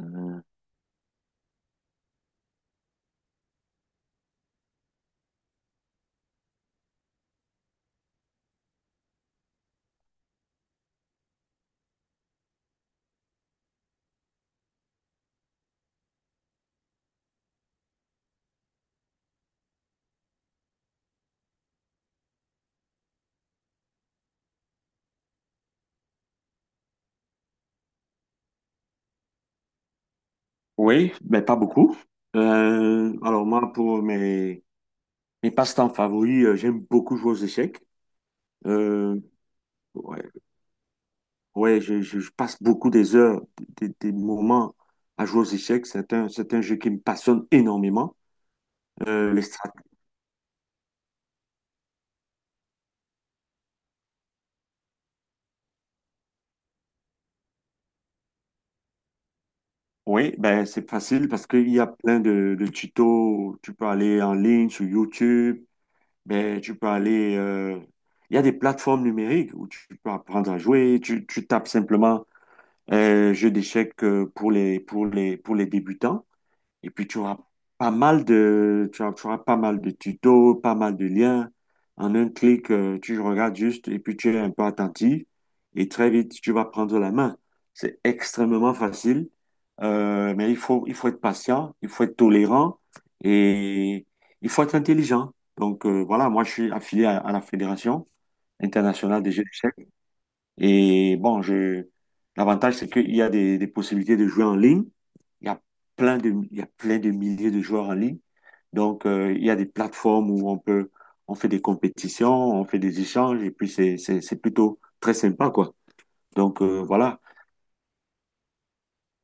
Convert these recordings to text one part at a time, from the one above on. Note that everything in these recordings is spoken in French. Euh, oui, mais pas beaucoup. Alors moi, pour mes passe-temps favoris, j'aime beaucoup jouer aux échecs. Euh, ouais, ouais, je passe beaucoup des heures, des moments à jouer aux échecs. C'est un jeu qui me passionne énormément. Euh, les strat- Oui, ben c'est facile parce qu'il y a plein de tutos. Tu peux aller en ligne sur YouTube, ben, il y a des plateformes numériques où tu peux apprendre à jouer. Tu tapes simplement jeu d'échecs, pour les débutants. Et puis, tu auras pas mal de, tu auras pas mal de tutos, pas mal de liens. En un clic, tu regardes juste et puis tu es un peu attentif. Et très vite, tu vas prendre la main. C'est extrêmement facile. Mais il faut être patient, il faut être tolérant et il faut être intelligent. Donc, voilà, moi, je suis affilié à la Fédération internationale des jeux d'échecs. Et bon, l'avantage, c'est qu'il y a des possibilités de jouer en ligne. Il y a plein de, il y a plein de milliers de joueurs en ligne. Donc, il y a des plateformes où on peut, on fait des compétitions, on fait des échanges, et puis c'est plutôt très sympa, quoi. Donc, voilà.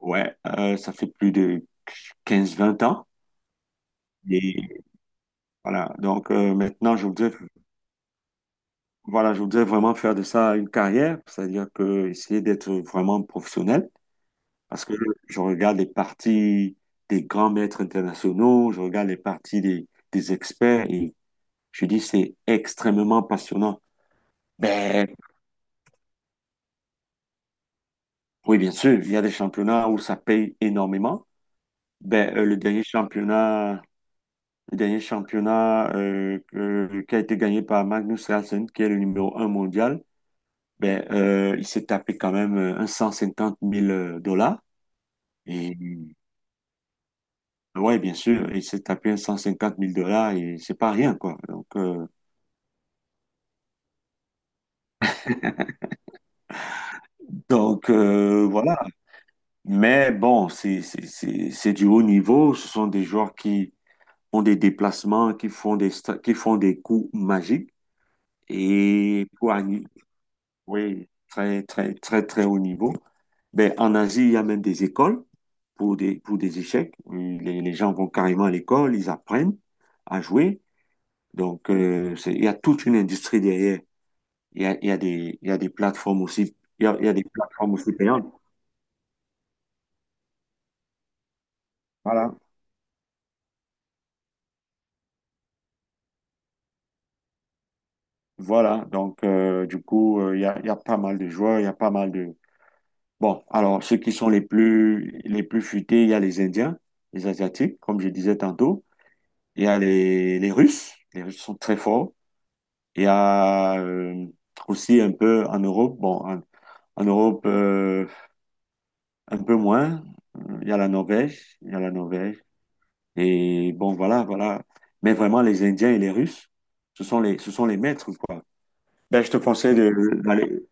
Ouais, ça fait plus de quinze-vingt ans. Et voilà. Donc, maintenant, je voudrais vraiment faire de ça une carrière, c'est-à-dire que essayer d'être vraiment professionnel. Parce que je regarde les parties des grands maîtres internationaux, je regarde les parties des experts et je dis c'est extrêmement passionnant. Ben oui, bien sûr, il y a des championnats où ça paye énormément. Ben, le dernier championnat qui a été gagné par Magnus Carlsen, qui est le numéro un mondial, il s'est tapé quand même un 150 000 dollars et ouais, bien sûr, il s'est tapé un 150 000 dollars et c'est pas rien, quoi. Donc, voilà. Mais bon, c'est du haut niveau. Ce sont des joueurs qui ont des déplacements, qui font des coups magiques. Et pour un- oui, très, très, très, très haut niveau. Ben, en Asie, il y a même des écoles pour des échecs. Les gens vont carrément à l'école, ils apprennent à jouer. Donc, il y a toute une industrie derrière. Il y a des, il y a des plateformes aussi, il y a des plateformes aussi payantes. Voilà. Voilà, donc du coup, il y a pas mal de joueurs, il y a pas mal de. Bon, alors ceux qui sont les plus futés, il y a les Indiens, les Asiatiques, comme je disais tantôt, il y a les Russes, les Russes sont très forts, il y a aussi un peu en Europe, bon, en Europe, un peu moins. Il y a la Norvège, et bon, voilà, voilà. Mais vraiment, les Indiens et les Russes, ce sont les maîtres, quoi. Ben, je te conseille d'aller.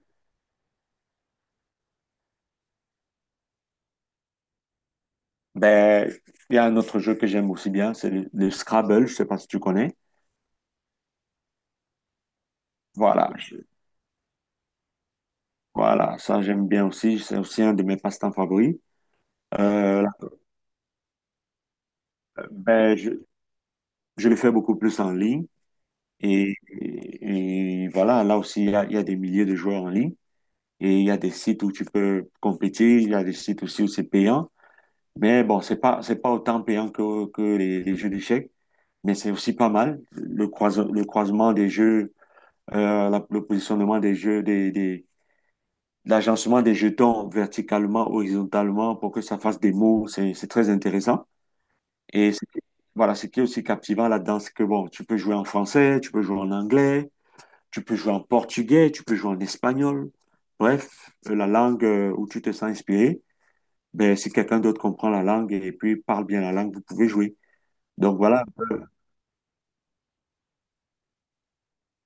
Ben, il y a un autre jeu que j'aime aussi bien, c'est le Scrabble, je sais pas si tu connais. Voilà, je- voilà, ça j'aime bien aussi, c'est aussi un de mes passe-temps favoris. Euh, ben, je le fais beaucoup plus en ligne et, et voilà, là aussi il y a des milliers de joueurs en ligne et il y a des sites où tu peux compétir, il y a des sites aussi où c'est payant, mais bon, c'est pas autant payant que les jeux d'échecs, mais c'est aussi pas mal le croisement des jeux, le positionnement des jeux l'agencement des jetons verticalement, horizontalement, pour que ça fasse des mots, c'est très intéressant. Et c'est- voilà, ce qui est aussi captivant là-dedans, c'est que bon, tu peux jouer en français, tu peux jouer en anglais, tu peux jouer en portugais, tu peux jouer en espagnol. Bref, la langue où tu te sens inspiré, ben, si quelqu'un d'autre comprend la langue et puis parle bien la langue, vous pouvez jouer. Donc voilà, un peu.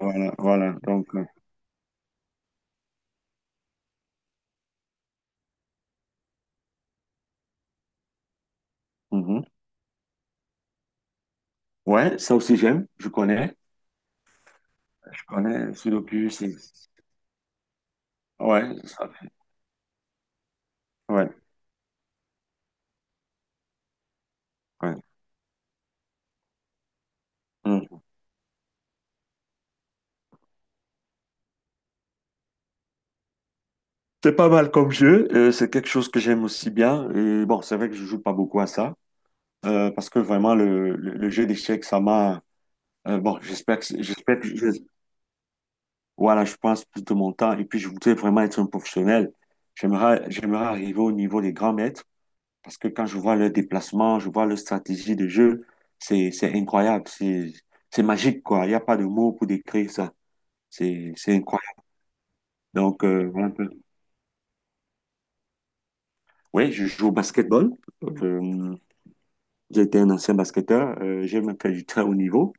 Voilà, voilà. Donc, mhm. Ouais, ça aussi j'aime, je connais. Je connais Sudoku, c'est. Ouais, ça- ouais, ouais. Mm-hmm. C'est pas mal comme jeu, c'est quelque chose que j'aime aussi bien. Bon, c'est vrai que je joue pas beaucoup à ça, parce que vraiment le jeu d'échecs, ça m'a. Bon, voilà, je passe plus de mon temps et puis je voudrais vraiment être un professionnel. J'aimerais arriver au niveau des grands maîtres, parce que quand je vois leurs déplacements, je vois leur stratégie de jeu, c'est incroyable, c'est magique, quoi. Il n'y a pas de mots pour décrire ça. C'est incroyable. Donc voilà un peu. Oui, je joue au basketball. J'étais un ancien basketteur, j'ai même fait du très haut niveau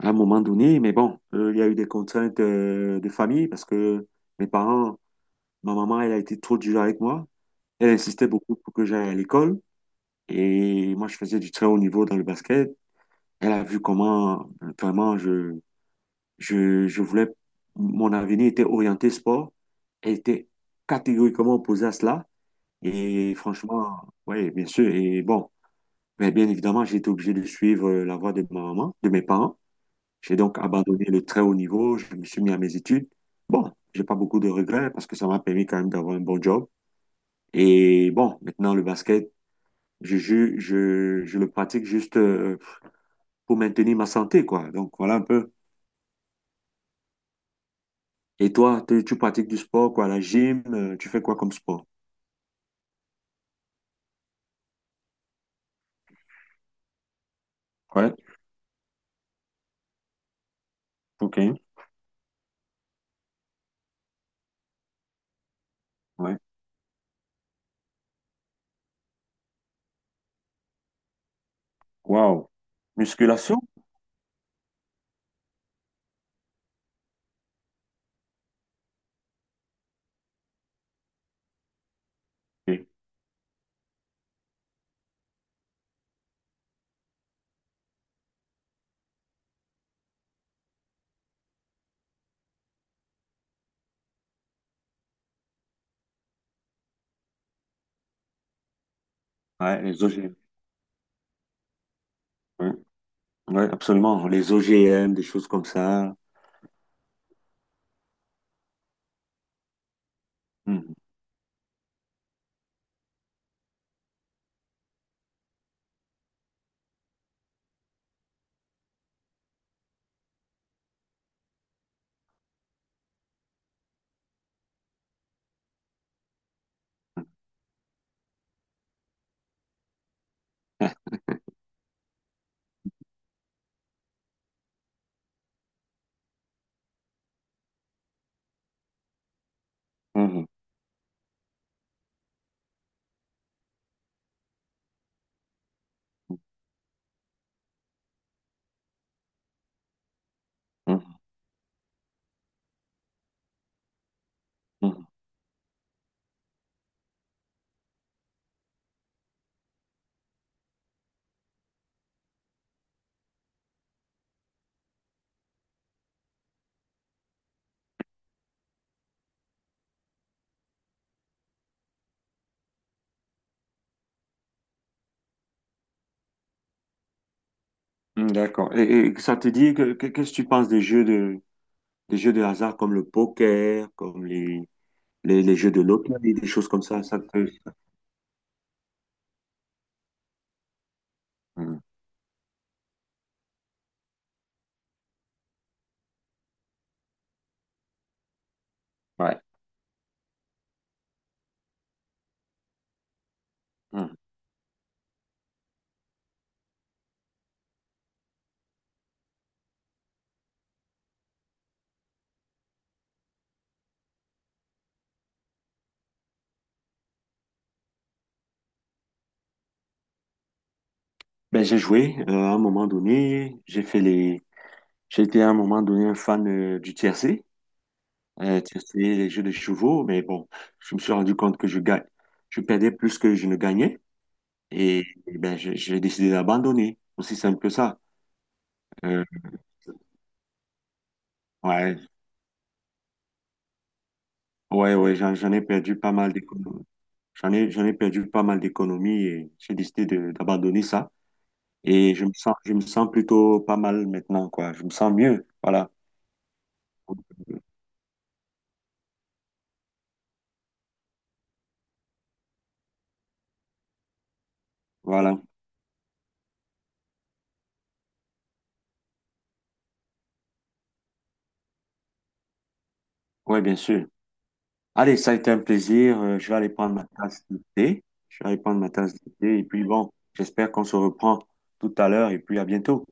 à un moment donné, mais bon, il y a eu des contraintes de famille parce que mes parents, ma maman, elle a été trop dure avec moi. Elle insistait beaucoup pour que j'aille à l'école et moi, je faisais du très haut niveau dans le basket. Elle a vu comment vraiment je voulais, mon avenir était orienté sport. Elle était catégoriquement opposée à cela et franchement, oui, bien sûr, et bon. Mais bien évidemment, j'ai été obligé de suivre la voie de ma maman, de mes parents. J'ai donc abandonné le très haut niveau, je me suis mis à mes études. Bon, j'ai pas beaucoup de regrets parce que ça m'a permis quand même d'avoir un bon job. Et bon, maintenant le basket, je le pratique juste pour maintenir ma santé, quoi. Donc voilà un peu. Et toi, tu pratiques du sport, quoi? La gym, tu fais quoi comme sport? Ouais, ok, ouais. Wow. Musculation? Ok. Ouais, les OGM. Ouais, ouais, absolument. Les OGM, des choses comme ça. Mhm, mhm, mhm, mhm. Hmm, d'accord. Et ça te dit qu'est-ce que tu penses des jeux de hasard comme le poker, comme les jeux de loterie, des choses comme ça te. Hmm, ouais. Hmm. Ben j'ai joué à un moment donné, j'ai fait les j'ai été à un moment donné un fan du tiercé, tiercé, les jeux de chevaux, mais bon, je me suis rendu compte que je perdais plus que je ne gagnais et ben j'ai décidé d'abandonner. Aussi simple que ça. Euh, ouais, ouais, ouais, j'en ai perdu pas mal d'économies. J'en ai perdu pas mal d'économies et j'ai décidé d'abandonner ça. Et je me sens plutôt pas mal maintenant, quoi. Je me sens mieux. Voilà, voilà. Ouais, bien sûr. Allez, ça a été un plaisir. Je vais aller prendre ma tasse de thé. Je vais aller prendre ma tasse de thé. Et puis bon, j'espère qu'on se reprend tout à l'heure et puis à bientôt.